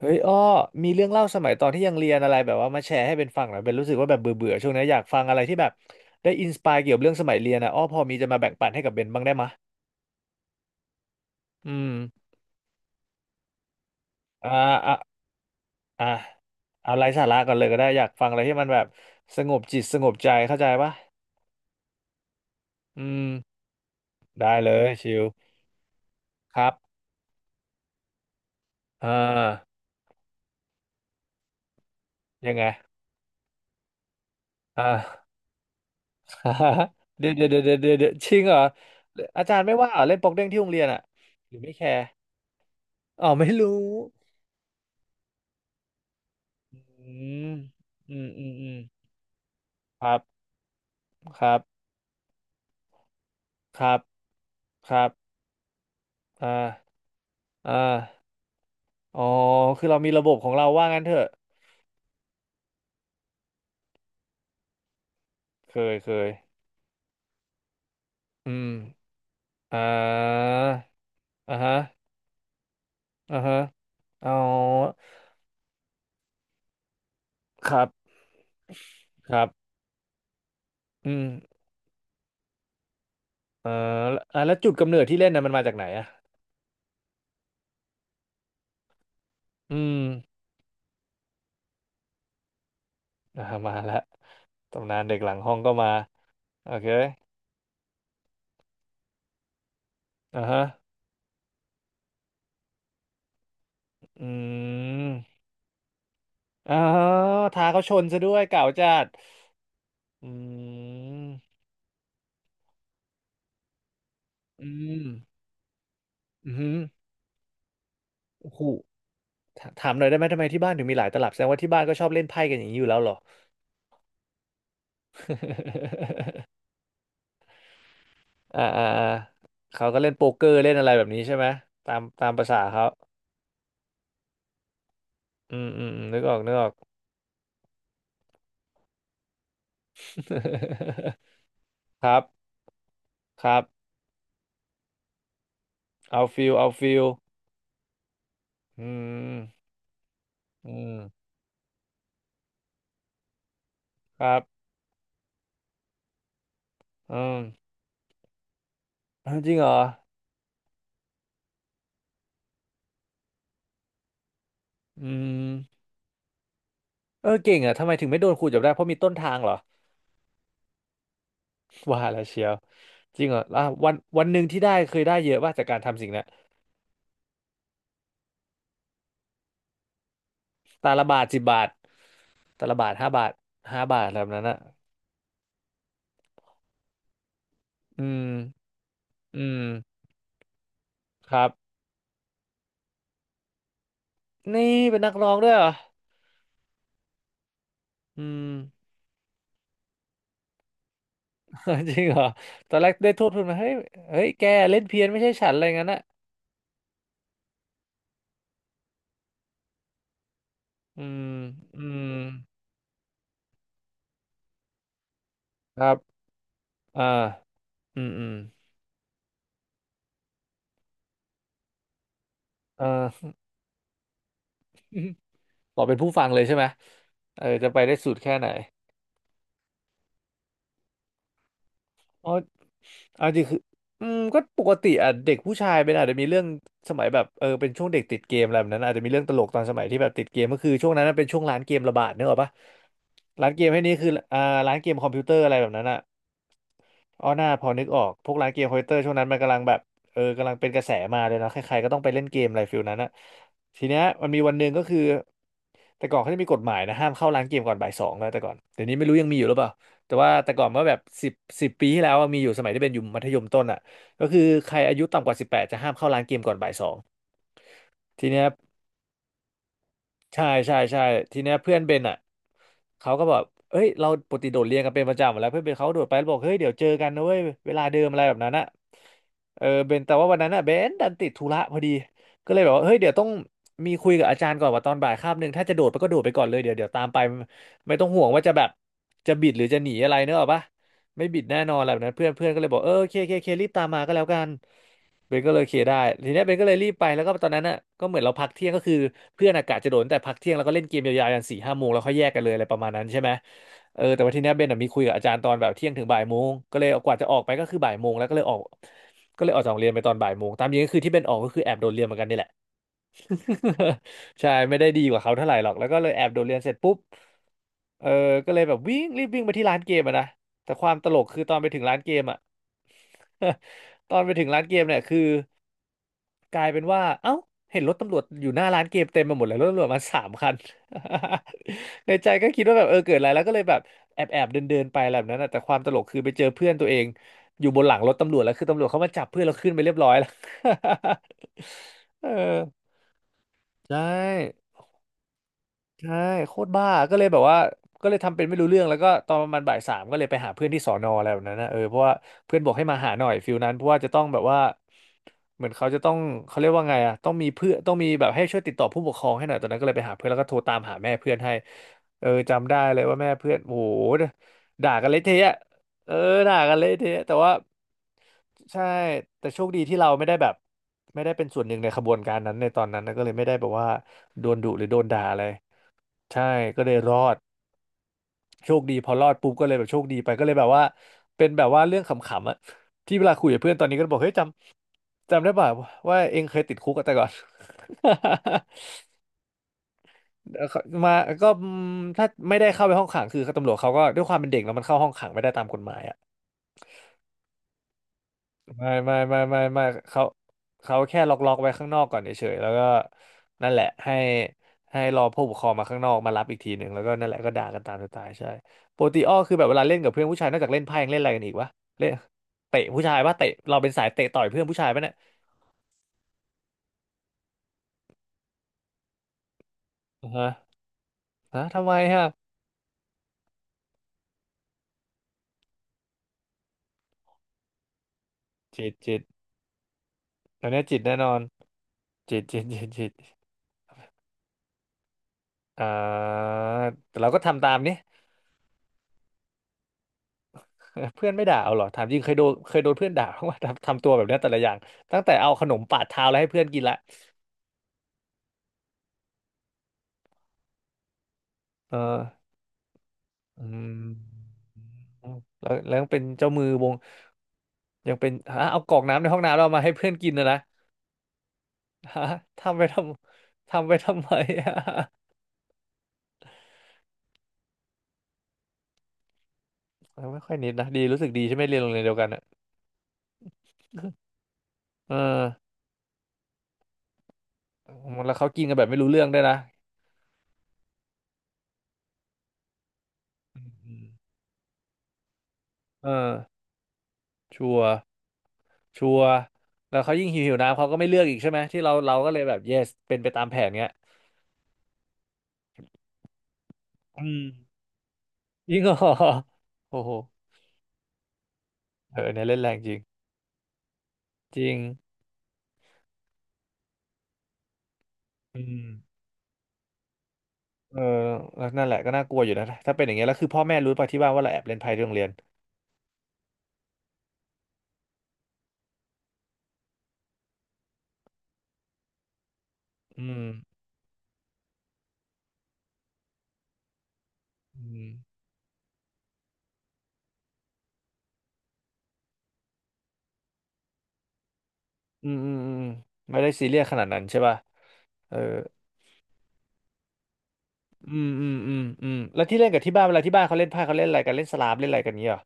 เฮ้ยอ้อมีเรื่องเล่าสมัยตอนที่ยังเรียนอะไรแบบว่ามาแชร์ให้เป็นฟังหน่อยเป็นรู้สึกว่าแบบเบื่อเบื่อช่วงนี้อยากฟังอะไรที่แบบได้อินสปายเกี่ยวกับเรื่องสมัยเรียนนะอ้อพอมีจะมาแบ่งปันให้กับเบนบ้างได้มะอืมอ่าอ่าอ่าเอาไร้สาระก่อนเลยก็ได้อยากฟังอะไรที่มันแบบสงบจิตสงบใจเข้าใจปะอืมได้เลยชิลครับอ่ายังไงอ่า เดี๋ยวเดี๋ยวเดี๋ยวเดี๋ยวเดี๋ยวจริงเหรออาจารย์ไม่ว่าเหรอเล่นโป๊กเด้งที่โรงเรียนอ่ะหรือไม่แคร์อ๋อไม่รู้ อืมอืมอืมอืม ครับ ครับครับ ครับอ่าอ่าอ๋อคือเรามีระบบของเราว่างั้นเถอะเคยเคยอืมอ่าอ่าฮะอ่าฮะอ๋อครับครับ อืมเอ่อแล้วจุดกำเนิดที่เล่นน่ะมันมาจากไหนอ่ะอืมอ่ามาแล้วตำนานเด็กหลังห้องก็มา โอเคอ่าฮะอืมอ๋อท้าเขาชนซะด้วยเก่าจัดอืม อืมอือหือโอ้โหถถามหน่อยได้ไหมทำไมที่บ้านถึงมีหลายตลับแสดงว่าที่บ้านก็ชอบเล่นไพ่กันอย่างนี้อยู่แล้วเหรอ อ่า อ่าอ่าเขาก็เล่นโป๊กเกอร์เล่นอะไรแบบนี้ใช่ไหมตามตามภาษาเขาอืมอืมอืมนึกออกนึกออก ครับครับเอาฟิลเอาฟิลอืมอืมครับอืมเอาจริงเหรออืมเออเก่งอ่ะทำไมถึงไม่โดนครูจับได้เพราะมีต้นทางเหรอ ว่าแล้วเชียวจริงเหรออ่ะวันวันหนึ่งที่ได้เคยได้เยอะว่าจากการทำสิ่งนั้น ตาละบาท10 บาทตาละบาทห้าบาทห้าบาทอะไรแบบนั้นอ่ะอืมอืมครับนี่เป็นนักร้องด้วยเหรออืม จริงเหรอตอนแรกได้โทษทุนมาเฮ้ยเฮ้ยแกเล่นเพี้ยนไม่ใช่ฉันอะไรงั้นอ่ะอืมอืมครับอ่าอืมอืมเออ ต่อเป็นผู้ฟังเลยใช่ไหมเออจะไปได้สุดแค่ไหน เอาจริงคืออืมก็ปกติอ่ะเด็กผู้ชายเป็นอาจจะมีเรื่องสมัยแบบเออเป็นช่วงเด็กติดเกมอะไรแบบนั้นอาจจะมีเรื่องตลกตอนสมัยที่แบบติดเกมก็คือช่วงนั้นนะเป็นช่วงร้านเกมระบาดเนกอะปะร้านเกมให้นี้คืออ่าร้านเกมคอมพิวเตอร์อะไรแบบนั้นอ่ะ อ๋อหน้าพอนึกออกพวกร้านเกมคอมพิวเตอร์ช่วงนั้นมันกำลังแบบเออกำลังเป็นกระแสมาเลยเนาะใครๆก็ต้องไปเล่นเกมอะไรฟิลนั้นอะทีเนี้ยมันมีวันหนึ่งก็คือแต่ก่อนเขาจะมีกฎหมายนะห้ามเข้าร้านเกมก่อนบ่ายสองแล้วแต่ก่อนเดี๋ยวนี้ไม่รู้ยังมีอยู่หรือเปล่าแต่ว่าแต่ก่อนเมื่อแบบสิบปีที่แล้วอะมีอยู่สมัยที่เป็นอยู่มัธยมต้นอะก็คือใครอายุต่ำกว่า18จะห้ามเข้าร้านเกมก่อนบ่ายสองทีเนี้ย ใช่ใช่ใช่ทีเนี้ยเพื่อนเบนอ่ะเขาก็แบบเอ้ยเราปกติโดดเรียนกันเป็นประจำอยู่แล้วเพื่อนเบนเขาโดดไปแล้วบอกเฮ้ยเดี๋ยวเจอกันนะเว้ยเวลาเดิมอะไรแบบนั้นอ่ะเออเบนแต่ว่าวันนั้นอ่ะเบนดันติดธุระพอดีก็เลยแบบว่าเฮ้ยเดี๋ยวต้องมีคุยกับอาจารย์ก่อนว่าตอนบ่ายคาบหนึ่งถ้าจะโดดไปก็โดดไปก่อนเลยเดี๋ยวเดี๋ยวตามไปไม่ต้องห่วงว่าจะแบบจะบิดหรือจะหนีอะไรเนกอะปะไม่บิดแน่นอนอะไรแบบนั้นเพื่อนเพื่อนก็เลยบอกเออโอเคโอเคโอเครีบตามมาก็แล้วกัน เบนก็เลยเคลียร์ได้ทีเนี้ยเบนก็เลยรีบไปแล้วก็ตอนนั้นน่ะก็เหมือนเราพักเที่ยงก็คือเพื่อนอากาศจะโดนแต่พักเที่ยงแล้วก็เล่นเกมยาวๆยันสี่ห้าโมงแล้วค่อยแยกกันเลยอะไรประมาณนั้นใช่ไหมเออแต่ว่าทีเนี้ยเบนน่ะมีคุยกับอาจารย์ตอนแบบเที่ยงถึงบ่ายโมงก็เลยกว่าจะออกไปก็คือบ่ายโมงแล้วก็เลยออกก็เลยออกจากโรงเรียนไปตอนบ่ายโมงตามจริงก็คือที่เบนออกก็คือแอบโดนเรียนเหมือนกันนี่แหละ ใช่ไม่ได้ดีกว่าเขาเท่าไหร่หรอกแล้วก็เลยแอบโดดเรียนเสร็จปุ๊บเออก็เลยแบบวิ่งรีบวิ่งไปที่ร้านเกมอะนะแต่ความตลกคือตอนไปถึงร้านเกมอะ ตอนไปถึงร้านเกมเนี่ยคือ กลายเป็นว่าเอ้าเห็นรถตำรวจอยู่หน้าร้านเกมเต็มไปหมดเลยรถตำรวจมาสามคัน ในใจก็คิดว่าแบบเออเกิดอะไรแล้วก็เลยแบบแอบเดินเดินไปอะไรแบบนั้นนะแต่ความตลกคือไปเจอเพื่อนตัวเองอยู่บนหลังรถตำรวจแล้วคือตำรวจเขามาจับเพื่อนเราขึ้นไปเรียบร้อยแล้ว เออใช่ ใช่โคตรบ้าก็เลยแบบว่าก็เลยทำเป็นไม่รู้เรื่องแล้วก็ตอนประมาณบ่ายสามก็เลยไปหาเพื่อนที่สอนออะไรแบบนั้นนะเออเพราะว่าเพื่อนบอกให้มาหาหน่อยฟิลนั้นเพราะว่าจะต้องแบบว่าเหมือนเขาจะต้องเขาเรียกว่าไงอะต้องมีเพื่อนต้องมีแบบให้ช่วยติดต่อผู้ปกครองให้หน่อยตอนนั้นก็เลยไปหาเพื่อนแล้วก็โทรตามหาแม่เพื่อนให้เออจำได้เลยว่าแม่เพื่อนโอ้โหด่ากันเละเทะเออด่ากันเละเทะแต่ว่าใช่แต่โชคดีที่เราไม่ได้แบบไม่ได้เป็นส่วนหนึ่งในขบวนการนั้นในตอนนั้นนะก็เลยไม่ได้แบบว่าโดนดุหรือโดนด่าอะไร ใช่ก็เลยรอดโชคดีพอรอดปุ๊บก็เลยแบบโชคดีไปก็เลยแบบว่าเป็นแบบว่าเรื่องขำๆอะที่เวลาคุยกับเพื่อนตอนนี้ก็บอกเฮ้ยจำได้ป่ะว่าเองเคยติดคุกอะแต่ก่อน เขามาก็อืมถ้าไม่ได้เข้าไปห้องขังคือตำรวจเขาก็ด้วยความเป็นเด็กแล้วมันเข้าห้องขังไม่ได้ตามกฎหมายอะ ไม่เขาเขาแค่ล็อกไว้ข้างนอกก่อนเฉยๆแล้วก็นั่นแหละให้ให้รอผู้ปกครองมาข้างนอกมารับอีกทีหนึ่งแล้วก็นั่นแหละก็ด่ากันตามสไตล์ใช่ปกติอ้อคือแบบเวลาเล่นกับเพื่อนผู้ชายนอกจากเล่นไพ่ยังเล่นอะไรกันอีกวะเล่นเตะผู้ชายปะเตะเราเป็นสายเตะต่อยเพื่อนผู้ชายปะเนี่ยอ่าฮะฮะทำไมฮะจิตตอนเนี้ยจิตแน่นอนจิตอ่าแต่เราก็ทำตามนี่ เพื่อนไม่ด่าเอาเหรอถามจริงเคยโดนเคยโดนเพื่อนด่าเพราะว่าทำตัวแบบเนี้ยแต่ละอย่างตั้งแต่เอาขนมปาดเท้าแล้วให้เพื่อนกินละเอออืมแล้วแล้วยังเป็นเจ้ามือวงยังเป็นฮะเอากรอกน้ำในห้องน้ำเรามาให้เพื่อนกินนะนะฮะทำไปทำทำไปทำไม อะเออไม่ค่อยนิดนะดีรู้สึกดีใช่ไหมเรียนโรงเรียนเดียวกันอ่ะเออแล้วเขากินกันแบบไม่รู้เรื่องด้วยนะอืมเออชัวร์ชัวร์แล้วเขายิ่งหิวน้ำเขาก็ไม่เลือกอีกใช่ไหมที่เราก็เลยแบบ yes เป็นไปตามแผนเงี้ย อืม จริงเหรอโอ้โหเออเนี่ยเล่นแรงจริงจริงอืมเออแล้วนั่นแหละก็น่ากลัวอยู่นะถ้าเป็นอย่างเงี้ยแล้วคือพ่อแม่รู้ป่ะที่บ้านว่าเราแอบเล่นไพ่ที่โรงเรียนอืมอืมอืมอืมอืมไม่ได้ซีเรียสขนาดนั้นใช่ป่ะเอออืมอืมอืมอืมแล้วที่เล่นกับที่บ้านเวลาที่บ้านเขาเล่นไพ่เขาเล่นอะไรกันเล่นสลามเล่นอะไรกันเงี้ยเหรอ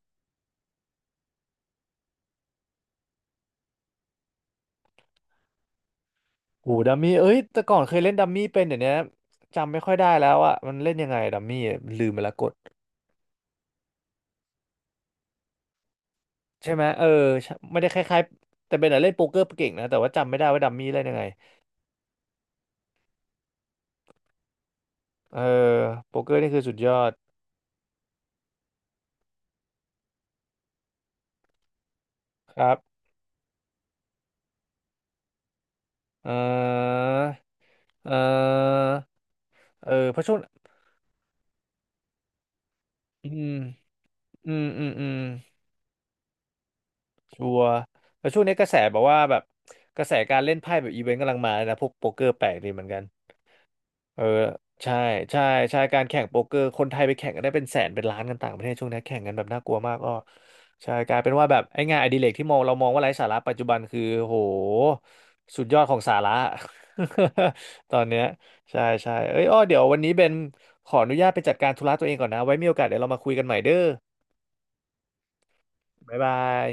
โหดัมมี่เอ้ยแต่ก่อนเคยเล่นดัมมี่เป็นเดี๋ยวนี้จำไม่ค่อยได้แล้วอ่ะมันเล่นยังไงดัมมี่ลืมไปแลวก ใช่ไหมเออใช่ไม่ได้คล้ายๆแต่เบนอะเล่นโป๊กเกอร์เก่งนะแต่ว่าจำไม่ได้ว่าดัมมี่เล่นยังไงเออโป๊กเกอร์นี่คือสุดยอดครับเออเออเออเพราะช่วงอืมอืมอืมอืมชัวร์แล้วช่วงนี้กระแสบอกว่าแบบกระแสการเล่นไพ่แบบอีเวนต์กำลังมานะพวกโป๊กเกอร์แปลกดีเหมือนกัน เออใช่ใช่ใช่การแข่งโป๊กเกอร์คนไทยไปแข่งกันได้เป็นแสนเป็นล้านกันต่างประเทศช่วงนี้แข่งกันแบบน่ากลัวมากก็ใช่กลายเป็นว่าแบบไอ้งานอดิเรกที่มองเรามองว่าไร้สาระปัจจุบันคือโหสุดยอดของสาระ ตอนเนี้ยใช่ใช่เอ้ยอ้อเดี๋ยววันนี้เบนขออนุญาตไปจัดการธุระตัวเองก่อนนะไว้มีโอกาสเดี๋ยวเรามาคุยกันใหม่เด้อบ๊ายบาย